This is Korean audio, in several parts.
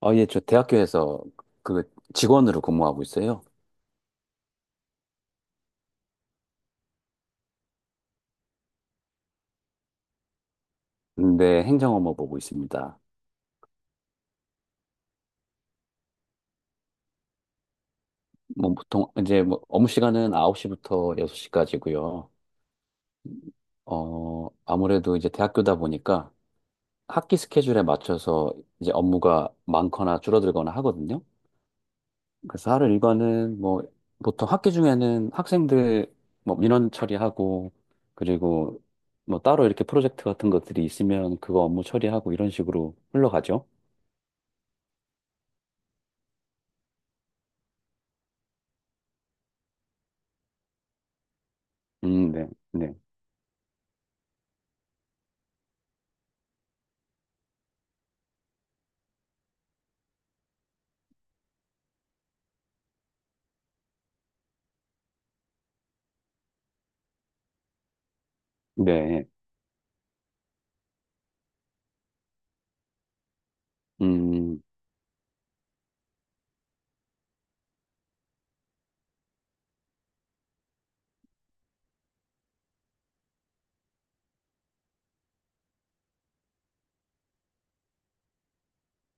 아, 예, 저 대학교에서 그 직원으로 근무하고 있어요. 근데 행정 업무 보고 있습니다. 뭐 보통 이제 뭐 업무 시간은 9시부터 6시까지고요. 아무래도 이제 대학교다 보니까 학기 스케줄에 맞춰서 이제 업무가 많거나 줄어들거나 하거든요. 그래서 하루 일과는 뭐 보통 학기 중에는 학생들 뭐 민원 처리하고 그리고 뭐 따로 이렇게 프로젝트 같은 것들이 있으면 그거 업무 처리하고 이런 식으로 흘러가죠. 네. 네. 네. 음,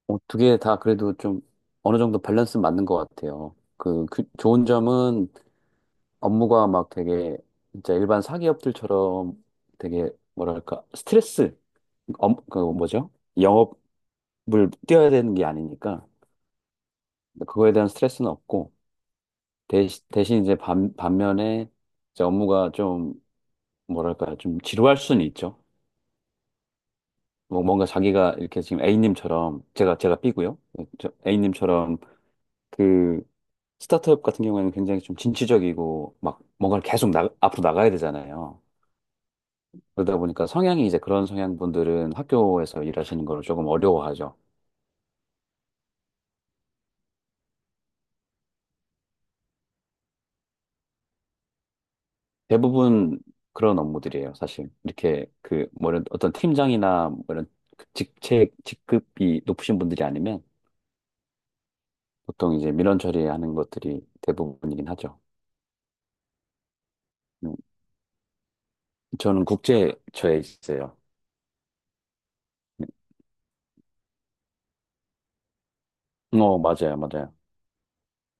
어떻게 다 그래도 좀 어느 정도 밸런스 맞는 것 같아요. 그, 그 좋은 점은 업무가 막 되게 진짜 일반 사기업들처럼 되게 뭐랄까 스트레스, 업, 그 뭐죠? 영업을 뛰어야 되는 게 아니니까 그거에 대한 스트레스는 없고 대신 이제 반면에 이제 업무가 좀 뭐랄까 좀 지루할 수는 있죠. 뭐 뭔가 자기가 이렇게 지금 A님처럼 제가 B고요. 저 A님처럼 그 스타트업 같은 경우에는 굉장히 좀 진취적이고 막 뭔가를 계속 나, 앞으로 나가야 되잖아요. 그러다 보니까 성향이 이제 그런 성향분들은 학교에서 일하시는 걸 조금 어려워하죠. 대부분 그런 업무들이에요, 사실. 이렇게 그 뭐 이런 어떤 팀장이나 뭐 이런 그 직책, 직급이 높으신 분들이 아니면 보통 이제 민원 처리하는 것들이 대부분이긴 하죠. 음, 저는 국제처에 있어요. 어, 맞아요, 맞아요.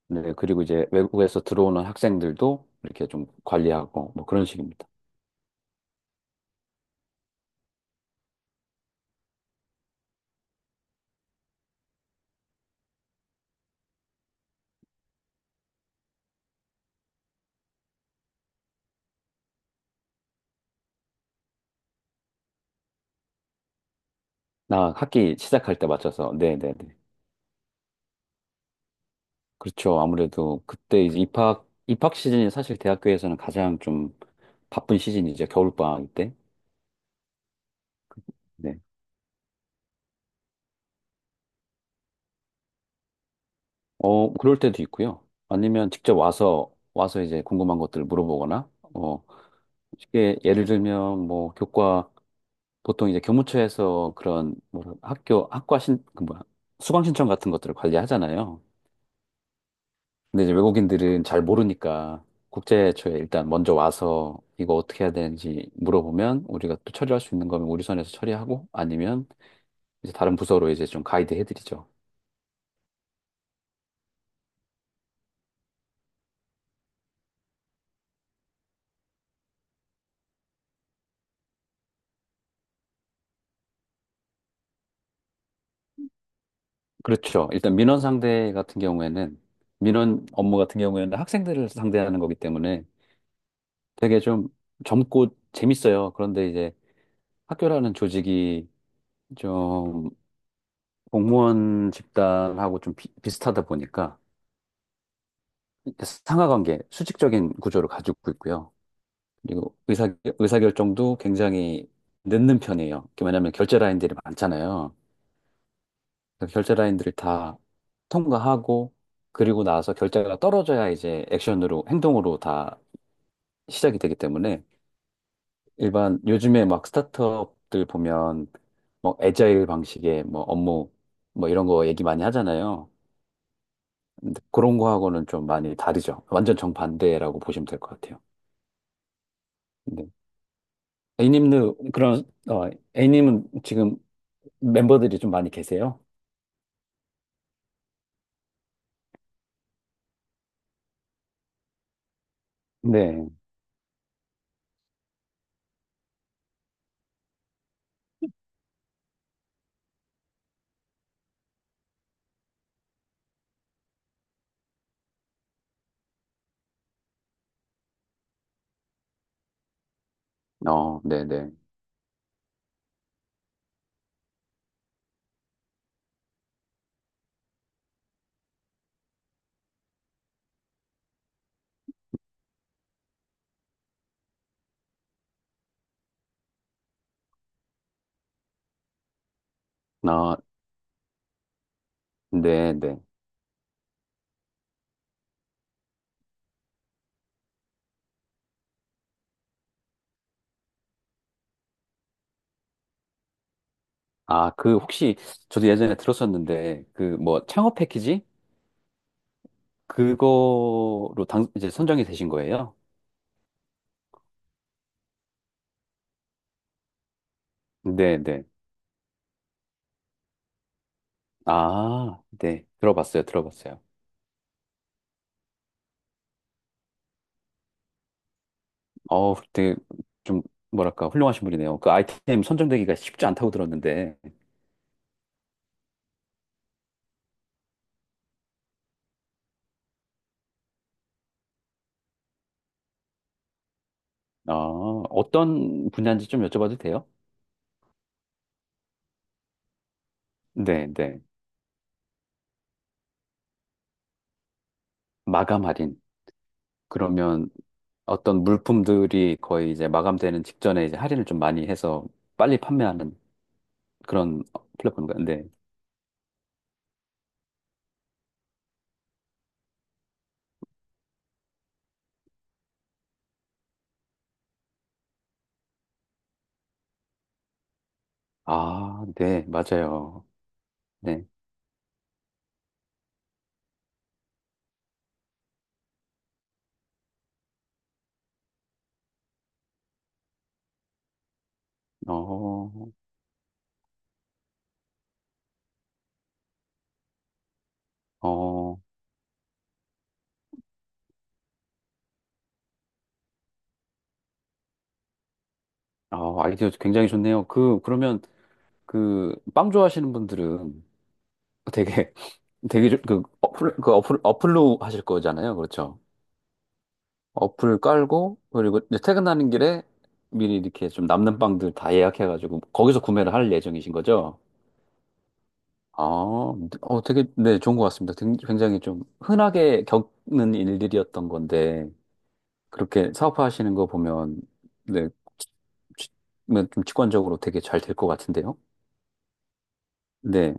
네, 그리고 이제 외국에서 들어오는 학생들도 이렇게 좀 관리하고 뭐 그런 식입니다. 나 학기 시작할 때 맞춰서. 네, 네, 네. 그렇죠. 아무래도 그때 이제 입학 시즌이 사실 대학교에서는 가장 좀 바쁜 시즌이죠. 겨울방학 때. 네. 그럴 때도 있고요. 아니면 직접 와서 이제 궁금한 것들을 물어보거나 어, 쉽게 예를 들면 뭐 교과 보통 이제 교무처에서 그런 뭐 학교 학과 신그 뭐야 수강 신청 같은 것들을 관리하잖아요. 근데 이제 외국인들은 잘 모르니까 국제처에 일단 먼저 와서 이거 어떻게 해야 되는지 물어보면 우리가 또 처리할 수 있는 거면 우리 선에서 처리하고 아니면 이제 다른 부서로 이제 좀 가이드 해드리죠. 그렇죠. 일단 민원 상대 같은 경우에는 민원 업무 같은 경우에는 학생들을 상대하는 거기 때문에 되게 좀 젊고 재밌어요. 그런데 이제 학교라는 조직이 좀 공무원 집단하고 좀 비슷하다 보니까 상하 관계, 수직적인 구조를 가지고 있고요. 그리고 의사결정도 굉장히 늦는 편이에요. 왜냐하면 결제 라인들이 많잖아요. 그래서 결제 라인들을 다 통과하고 그리고 나서 결제가 떨어져야 이제 액션으로 행동으로 다 시작이 되기 때문에 일반 요즘에 막 스타트업들 보면 뭐 애자일 방식의 뭐 업무 뭐 이런 거 얘기 많이 하잖아요. 근데 그런 거하고는 좀 많이 다르죠. 완전 정반대라고 보시면 될 것 같아요. A님도 그런 어 A님은 지금 멤버들이 좀 많이 계세요? 네, 어, 네네. 아, 네네. 아, 그 혹시 저도 예전에 들었었는데 그 뭐 창업 패키지 그거로 당 이제 선정이 되신 거예요? 네네. 아, 네. 들어봤어요, 들어봤어요. 어, 되게 좀 뭐랄까 훌륭하신 분이네요. 그 아이템 선정되기가 쉽지 않다고 들었는데, 아, 어떤 분야인지 좀 여쭤봐도 돼요? 네네. 마감 할인. 그러면 어떤 물품들이 거의 이제 마감되는 직전에 이제 할인을 좀 많이 해서 빨리 판매하는 그런 플랫폼인가요? 네. 아, 네, 맞아요. 네. 어, 어, 어, 아이디어 굉장히 좋네요. 그, 그러면 그 빵 좋아하시는 분들은 되게, 되게 좀 어플로 하실 거잖아요. 그렇죠. 어플 깔고, 그리고 이제 퇴근하는 길에 미리 이렇게 좀 남는 빵들 다 예약해가지고 거기서 구매를 할 예정이신 거죠? 아, 어, 되게, 네, 좋은 것 같습니다. 굉장히 좀 흔하게 겪는 일들이었던 건데, 그렇게 사업화하시는 거 보면, 네, 뭐, 좀 직관적으로 되게 잘 될 것 같은데요? 네,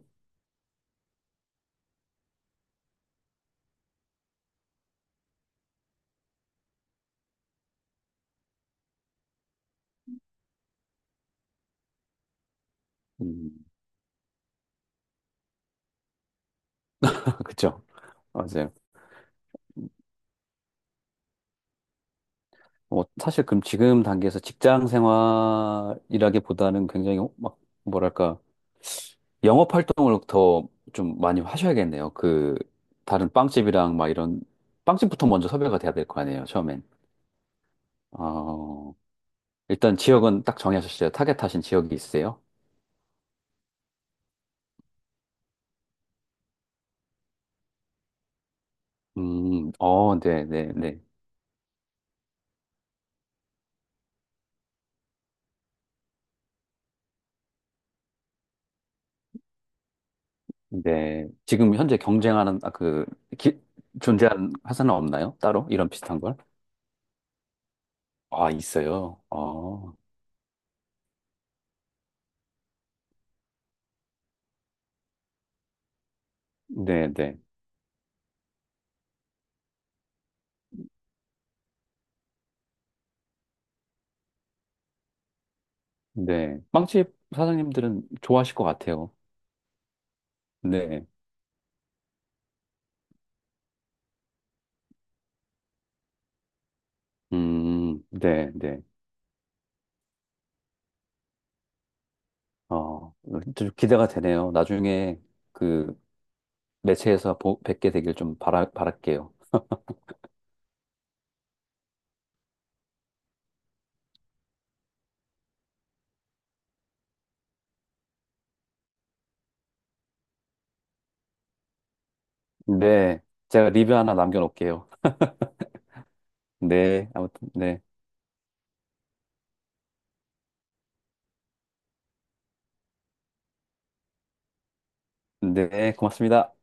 음, 그쵸. 맞아요. 뭐 사실 그럼 지금 단계에서 직장 생활이라기보다는 굉장히 어, 막, 뭐랄까, 영업 활동을 더 좀 많이 하셔야겠네요. 그, 다른 빵집이랑 막 이런, 빵집부터 먼저 섭외가 돼야 될 거 아니에요, 처음엔. 아 일단 지역은 딱 정하셨어요. 타겟하신 지역이 있으세요? 어, 네, 네, 네. 네. 지금 현재 경쟁하는, 아, 그, 기, 존재하는 회사는 없나요? 따로? 이런 비슷한 걸? 아, 있어요. 어, 네, 네, 네. 빵집 사장님들은 좋아하실 것 같아요. 네. 네, 네. 어, 좀 기대가 되네요. 나중에 그 매체에서 뵙게 되길 좀 바랄게요. 네. 제가 리뷰 하나 남겨놓을게요. 네. 아무튼, 네. 네, 고맙습니다.